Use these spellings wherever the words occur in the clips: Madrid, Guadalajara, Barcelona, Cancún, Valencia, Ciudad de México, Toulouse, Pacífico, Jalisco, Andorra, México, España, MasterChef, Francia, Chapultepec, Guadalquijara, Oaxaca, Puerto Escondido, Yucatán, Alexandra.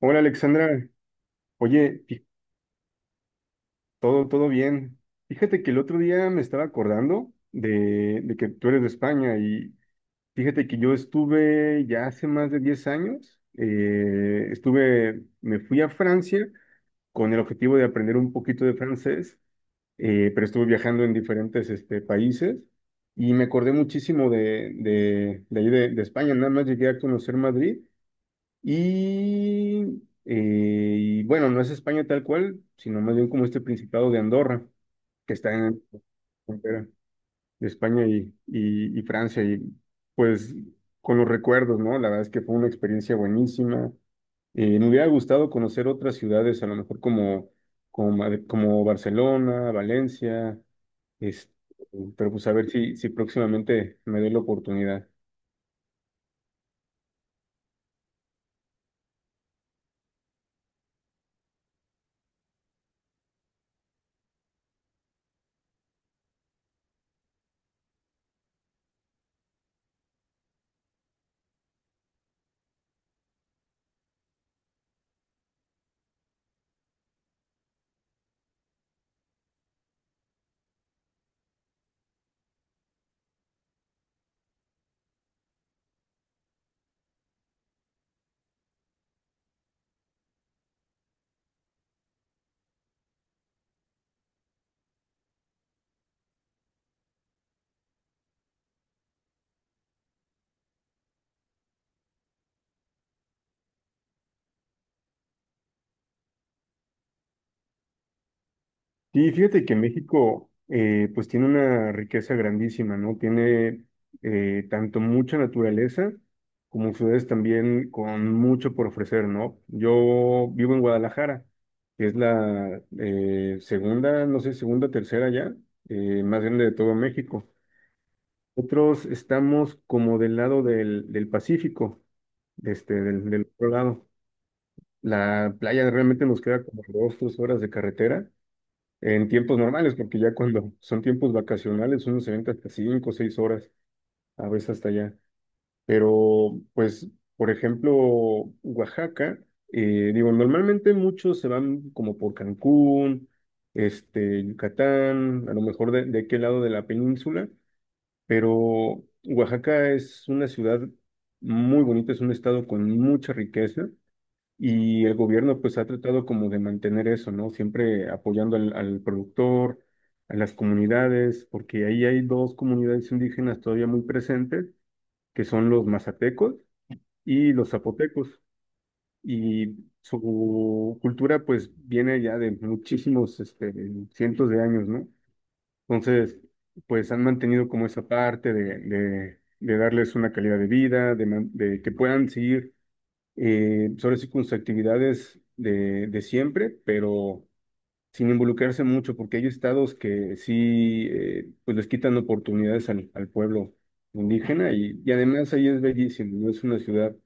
Hola, Alexandra, oye, todo bien. Fíjate que el otro día me estaba acordando de que tú eres de España. Y fíjate que yo estuve ya hace más de 10 años, estuve, me fui a Francia con el objetivo de aprender un poquito de francés. Pero estuve viajando en diferentes países y me acordé muchísimo de ahí de España. Nada más llegué a conocer Madrid. Y, y bueno, no es España tal cual, sino más bien como este Principado de Andorra, que está en la frontera de España y Francia. Y pues con los recuerdos, ¿no? La verdad es que fue una experiencia buenísima. Me hubiera gustado conocer otras ciudades, a lo mejor como, como Barcelona, Valencia, este, pero pues a ver si próximamente me doy la oportunidad. Sí, fíjate que México, pues tiene una riqueza grandísima, ¿no? Tiene, tanto mucha naturaleza como ciudades también con mucho por ofrecer, ¿no? Yo vivo en Guadalajara, que es la segunda, no sé, segunda, tercera ya, más grande de todo México. Otros estamos como del lado del Pacífico, del otro lado. La playa realmente nos queda como dos, tres horas de carretera en tiempos normales, porque ya cuando son tiempos vacacionales uno se venta hasta 5 o 6 horas, a veces hasta allá. Pero, pues, por ejemplo, Oaxaca, digo, normalmente muchos se van como por Cancún, Yucatán, a lo mejor de aquel lado de la península, pero Oaxaca es una ciudad muy bonita, es un estado con mucha riqueza y el gobierno pues ha tratado como de mantener eso, ¿no? Siempre apoyando al productor, a las comunidades, porque ahí hay dos comunidades indígenas todavía muy presentes, que son los mazatecos y los zapotecos. Y su cultura pues viene ya de muchísimos, cientos de años, ¿no? Entonces, pues han mantenido como esa parte de darles una calidad de vida, de que puedan seguir, sobre sí con sus actividades de siempre, pero sin involucrarse mucho, porque hay estados que sí, pues les quitan oportunidades al pueblo indígena. Y, y además ahí es bellísimo, ¿no? Es una ciudad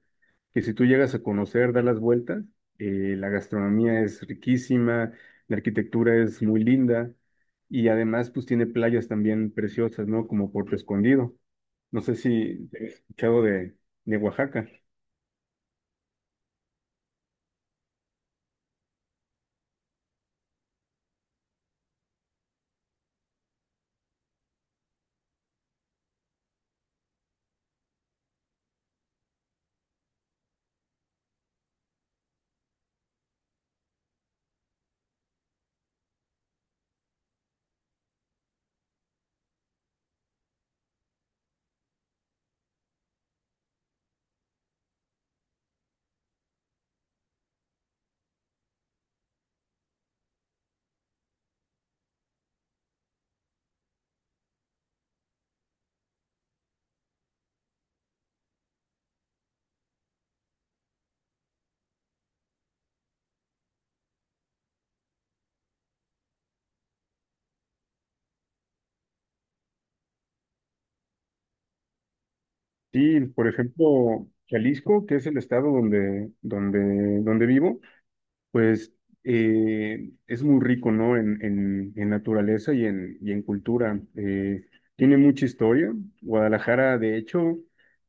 que si tú llegas a conocer, das las vueltas, la gastronomía es riquísima, la arquitectura es muy linda y además pues tiene playas también preciosas, ¿no? Como Puerto Escondido. No sé si has escuchado de Oaxaca. Sí, por ejemplo, Jalisco, que es el estado donde, donde vivo, pues, es muy rico, ¿no? En naturaleza y en cultura. Tiene mucha historia. Guadalajara, de hecho,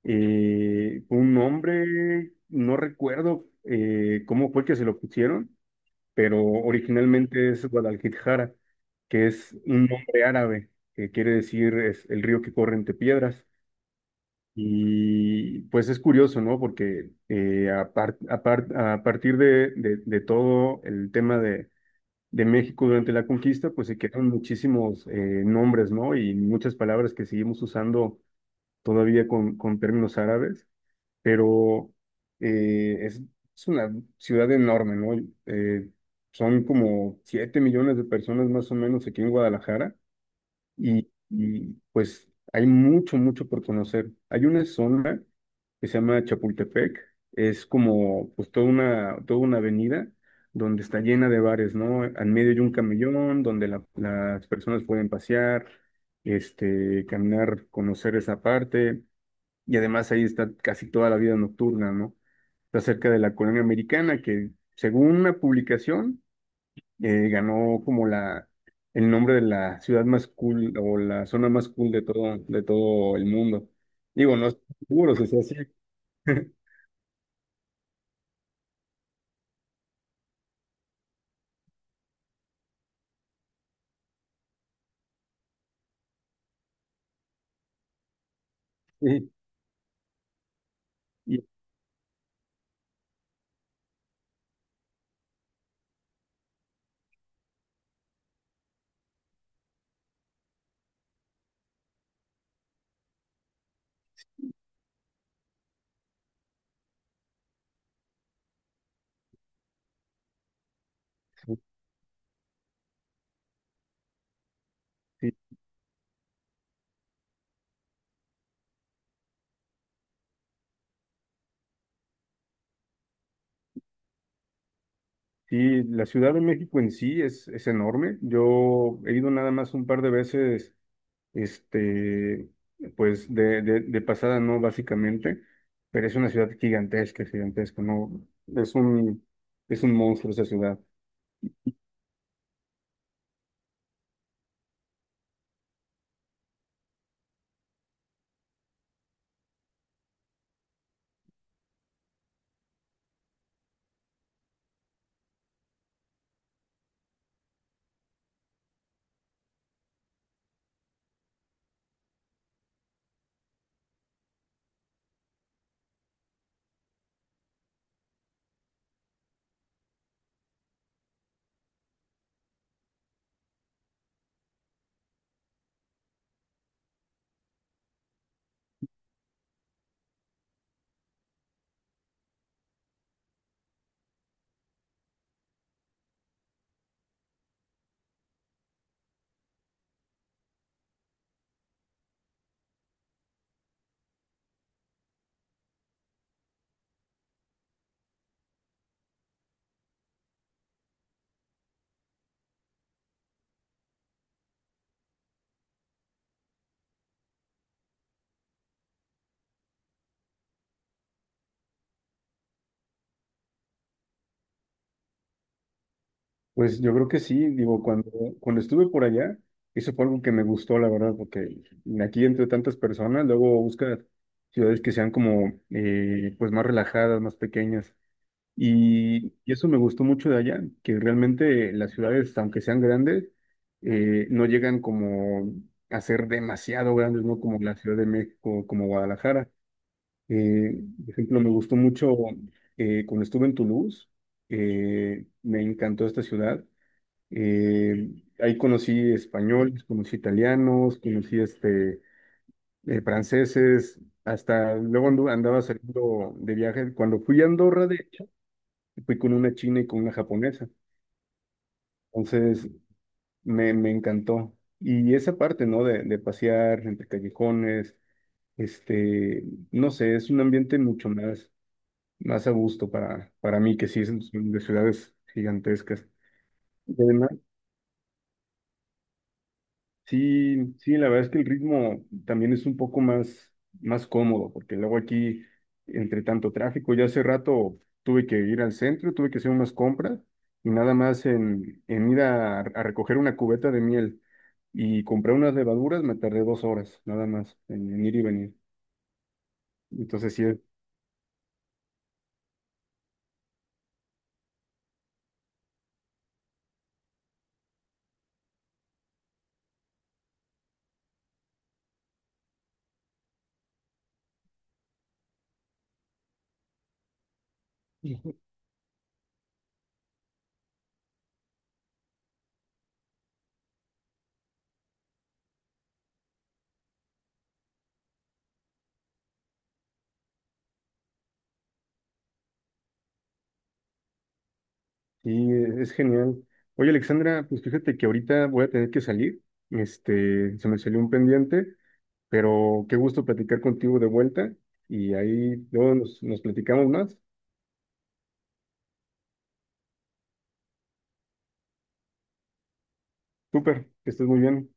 fue un nombre, no recuerdo cómo fue que se lo pusieron, pero originalmente es Guadalquijara, que es un nombre árabe, que quiere decir es el río que corre entre piedras. Y pues es curioso, ¿no? Porque, a partir de todo el tema de México durante la conquista, pues se quedaron muchísimos, nombres, ¿no? Y muchas palabras que seguimos usando todavía con términos árabes. Pero, eh, es, es una ciudad enorme, ¿no? Eh, Son como 7 millones de personas más o menos aquí en Guadalajara. Y, y pues hay mucho, mucho por conocer. Hay una zona que se llama Chapultepec, es como pues toda una avenida donde está llena de bares, ¿no? Al medio hay un camellón donde las personas pueden pasear, caminar, conocer esa parte. Y además ahí está casi toda la vida nocturna, ¿no? Está cerca de la colonia americana que, según una publicación, ganó como el nombre de la ciudad más cool o la zona más cool de todo el mundo. Digo, no estoy seguro si sea así. Sí, y- sí, sí, la Ciudad de México en sí es enorme. Yo he ido nada más un par de veces, este, pues de pasada, ¿no? Básicamente, pero es una ciudad gigantesca, gigantesca, ¿no? Es un, es un monstruo esa ciudad. Pues yo creo que sí, digo, cuando estuve por allá, eso fue algo que me gustó, la verdad, porque aquí entre tantas personas, luego buscas ciudades que sean como, pues más relajadas, más pequeñas. Y eso me gustó mucho de allá, que realmente las ciudades, aunque sean grandes, no llegan como a ser demasiado grandes, ¿no? Como la Ciudad de México, como Guadalajara. Eh, por ejemplo, me gustó mucho, cuando estuve en Toulouse, me encantó esta ciudad. eh, Ahí conocí españoles, conocí italianos, conocí franceses, hasta luego andaba saliendo de viaje. Cuando fui a Andorra, de hecho, fui con una china y con una japonesa. Entonces me encantó. Y esa parte, ¿no? De pasear entre callejones, este, no sé, es un ambiente mucho más, más a gusto para mí, que sí, son son de ciudades gigantescas. Sí, sí, la verdad es que el ritmo también es un poco más, más cómodo, porque luego aquí, entre tanto tráfico, ya hace rato tuve que ir al centro, tuve que hacer unas compras y nada más en ir a recoger una cubeta de miel y comprar unas levaduras, me tardé 2 horas, nada más, en ir y venir. Entonces sí, es- sí, es genial. Oye, Alexandra, pues fíjate que ahorita voy a tener que salir, se me salió un pendiente. Pero qué gusto platicar contigo de vuelta y ahí luego nos platicamos más. Súper, que estés muy bien.